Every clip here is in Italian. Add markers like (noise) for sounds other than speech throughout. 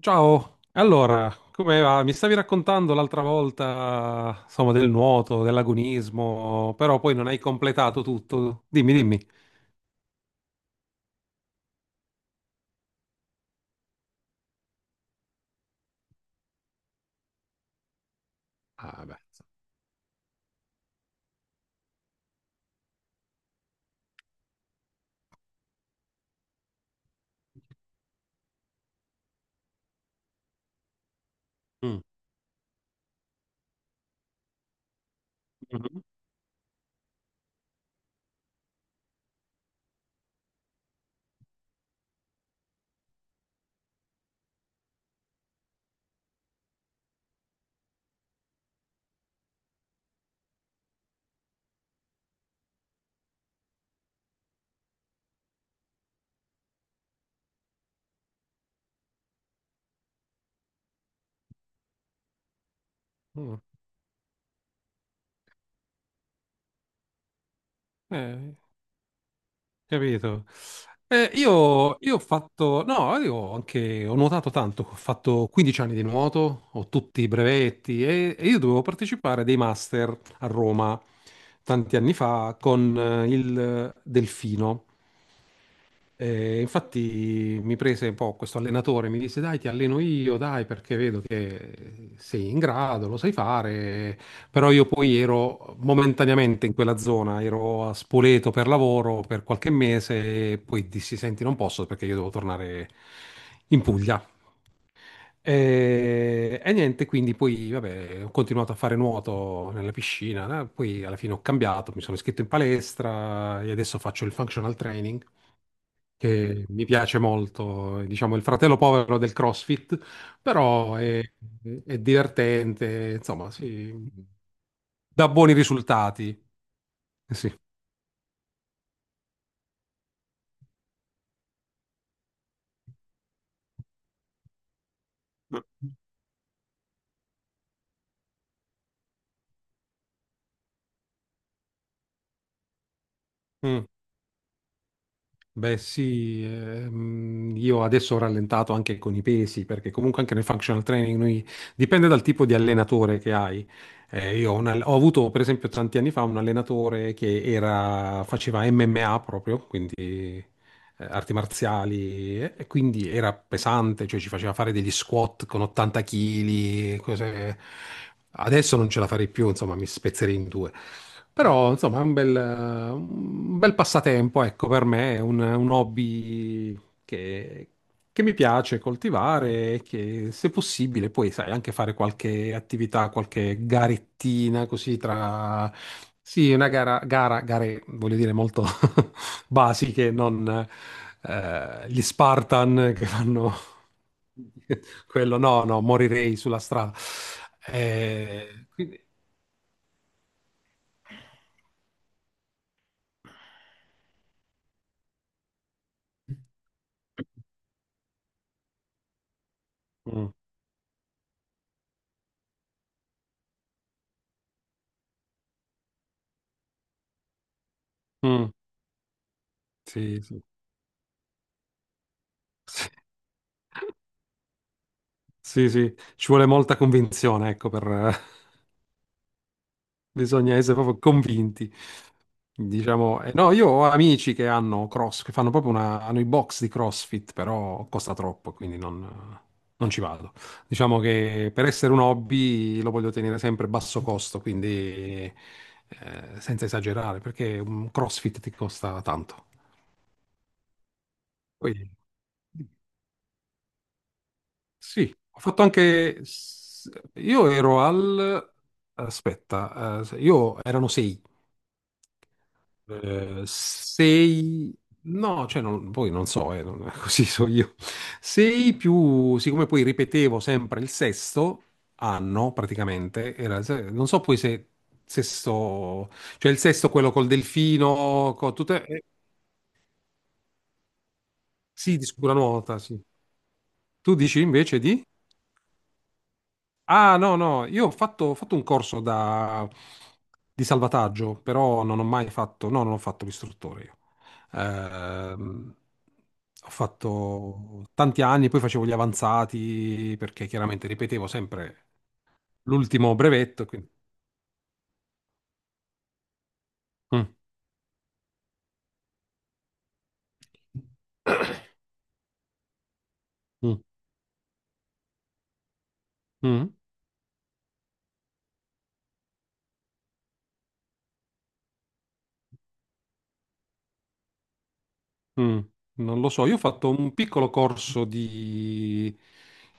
Ciao, allora, come va? Mi stavi raccontando l'altra volta, insomma, del nuoto, dell'agonismo, però poi non hai completato tutto. Dimmi, dimmi. Ah, beh. Mm. Mhm. Mm. Eh, Capito. Io ho fatto, no, io ho anche, ho nuotato tanto, ho fatto 15 anni di nuoto, ho tutti i brevetti e io dovevo partecipare a dei master a Roma tanti anni fa con il Delfino. E infatti mi prese un po' questo allenatore, mi disse dai, ti alleno io, dai, perché vedo che sei in grado, lo sai fare, però io poi ero momentaneamente in quella zona, ero a Spoleto per lavoro per qualche mese e poi dissi senti, non posso perché io devo tornare in Puglia. E niente, quindi poi vabbè, ho continuato a fare nuoto nella piscina, poi alla fine ho cambiato, mi sono iscritto in palestra e adesso faccio il functional training che mi piace molto, è, diciamo il fratello povero del CrossFit, però è divertente, insomma, sì, dà buoni risultati. Sì. Mm. Beh sì, io adesso ho rallentato anche con i pesi, perché comunque anche nel functional training dipende dal tipo di allenatore che hai. Io ho, ho avuto per esempio tanti anni fa un allenatore che faceva MMA proprio, quindi arti marziali, e quindi era pesante, cioè ci faceva fare degli squat con 80 kg, cose... Adesso non ce la farei più, insomma mi spezzerei in due. Però, insomma, è un bel passatempo, ecco, per me, è un hobby che, che mi piace coltivare e che, se possibile, poi, sai, anche fare qualche attività, qualche garettina, così tra... Sì, una gare, voglio dire, molto (laughs) basiche, non gli Spartan che fanno (laughs) quello, no, no, morirei sulla strada. Eh, quindi... Mm. Mm, sì, sì, sì, sì, ci vuole molta convinzione, ecco, per... (laughs) bisogna essere proprio convinti, diciamo. No, io ho amici che hanno cross, che fanno proprio una... hanno i box di CrossFit, però costa troppo, quindi non, non ci vado. Diciamo che per essere un hobby lo voglio tenere sempre a basso costo, quindi senza esagerare, perché un CrossFit ti costa tanto. Poi... Sì, ho fatto anche... io ero al... Aspetta, io erano sei. Eh, sei... No, cioè, non, poi non so, (laughs) così so io. Sei più... Siccome poi ripetevo sempre il sesto anno, praticamente, era il se- non so poi se sesto... Cioè il sesto quello col delfino, con tutte... sì, di sicura nuota, sì. Tu dici invece di? Ah, no, no, io ho fatto un corso di salvataggio, però non ho mai fatto, no, non ho fatto l'istruttore io. Ehm, ho fatto tanti anni, poi facevo gli avanzati, perché chiaramente ripetevo sempre l'ultimo brevetto. Quindi- Mm, mm, mm. Mm, non lo so, io ho fatto un piccolo corso di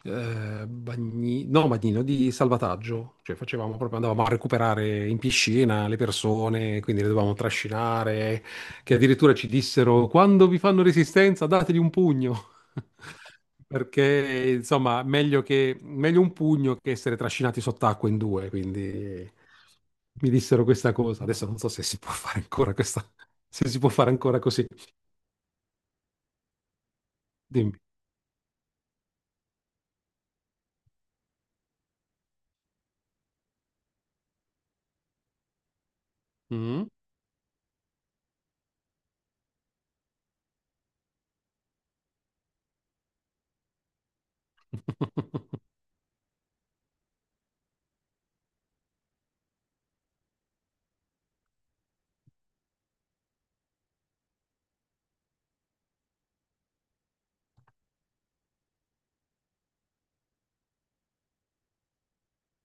no, bagnino, di salvataggio, cioè facevamo proprio, andavamo a recuperare in piscina le persone, quindi le dovevamo trascinare, che addirittura ci dissero, quando vi fanno resistenza, dategli un pugno. (laughs) Perché, insomma, meglio un pugno che essere trascinati sott'acqua in due, quindi mi dissero questa cosa. Adesso non so se si può fare ancora questa, se si può fare ancora così. Dimmi. Mm. (laughs)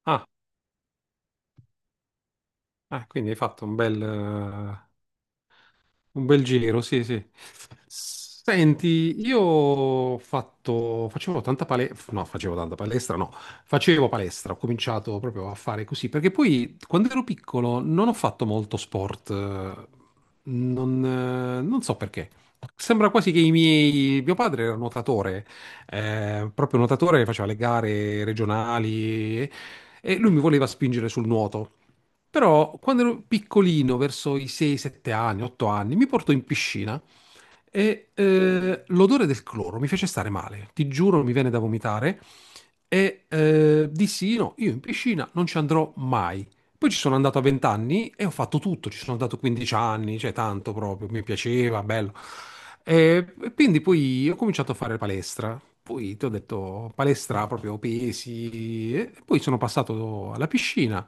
Ah, quindi hai fatto un bel giro, sì, sì. Senti, io ho fatto, facevo tanta palestra, no, facevo palestra, ho cominciato proprio a fare così, perché poi quando ero piccolo non ho fatto molto sport, non so perché. Sembra quasi che i miei, mio padre era nuotatore, proprio nuotatore, faceva le gare regionali e lui mi voleva spingere sul nuoto. Però quando ero piccolino, verso i 6-7 anni, 8 anni, mi portò in piscina e l'odore del cloro mi fece stare male. Ti giuro, mi viene da vomitare. E dissi: No, io in piscina non ci andrò mai. Poi ci sono andato a 20 anni e ho fatto tutto. Ci sono andato 15 anni, cioè tanto proprio, mi piaceva, bello. E quindi poi ho cominciato a fare palestra. Poi ti ho detto palestra, proprio pesi. E poi sono passato alla piscina.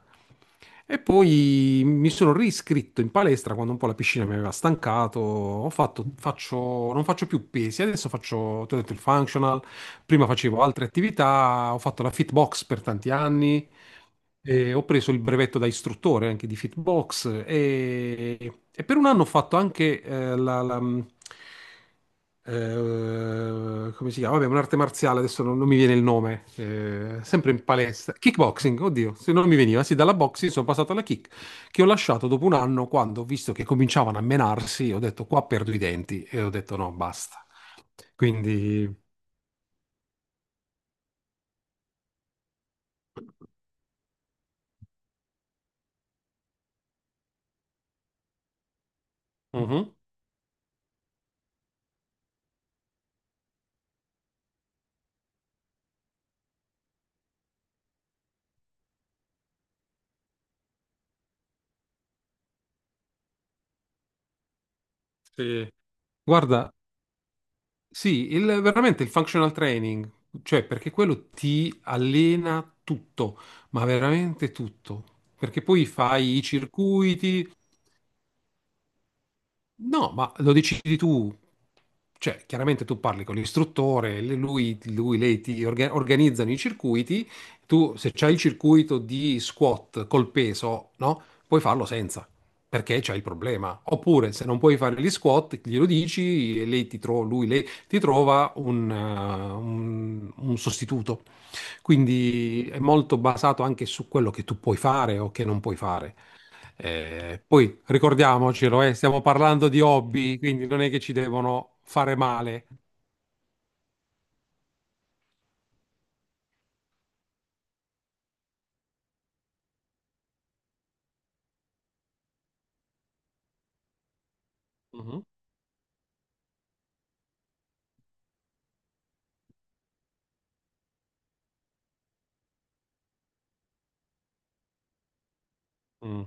E poi mi sono riscritto in palestra quando un po' la piscina mi aveva stancato. Ho fatto, non faccio più pesi, adesso faccio, ti ho detto, il functional. Prima facevo altre attività, ho fatto la fitbox per tanti anni, e ho preso il brevetto da istruttore anche di Fitbox e per un anno ho fatto anche come si chiama? Vabbè, un'arte marziale, adesso non, non mi viene il nome, sempre in palestra. Kickboxing, oddio, se non mi veniva, sì, dalla boxing sono passato alla kick, che ho lasciato dopo un anno quando ho visto che cominciavano a menarsi, ho detto qua perdo i denti e ho detto no, basta. Quindi... Mhm, sì. Guarda, sì, veramente il functional training, cioè perché quello ti allena tutto, ma veramente tutto, perché poi fai i circuiti, no, ma lo decidi tu, cioè chiaramente tu parli con l'istruttore, lui, lei ti organizzano i circuiti, tu se c'hai il circuito di squat col peso, no? Puoi farlo senza, perché c'hai il problema. Oppure se non puoi fare gli squat, glielo dici e lei ti lei ti trova un un sostituto. Quindi è molto basato anche su quello che tu puoi fare o che non puoi fare. Poi ricordiamocelo, stiamo parlando di hobby, quindi non è che ci devono fare male. Mhm. Mm,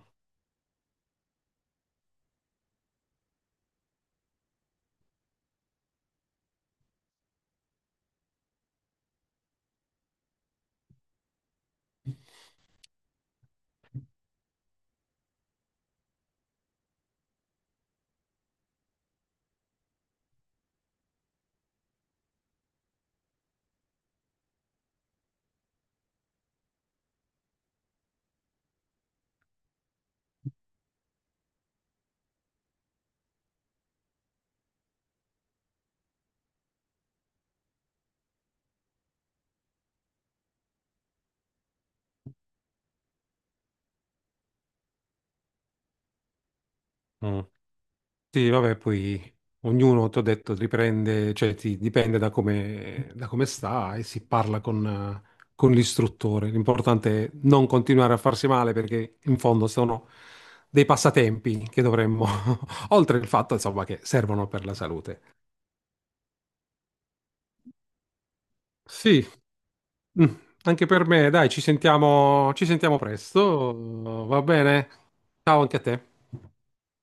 mm. Sì, vabbè, poi ognuno, ti ho detto, riprende, dipende da come, da come sta e si parla con l'istruttore. L'importante è non continuare a farsi male perché in fondo sono dei passatempi che dovremmo, (laughs) oltre il fatto, insomma, che servono per la salute. Sì. Mm. Anche per me, dai, ci sentiamo presto, va bene? Ciao anche a te.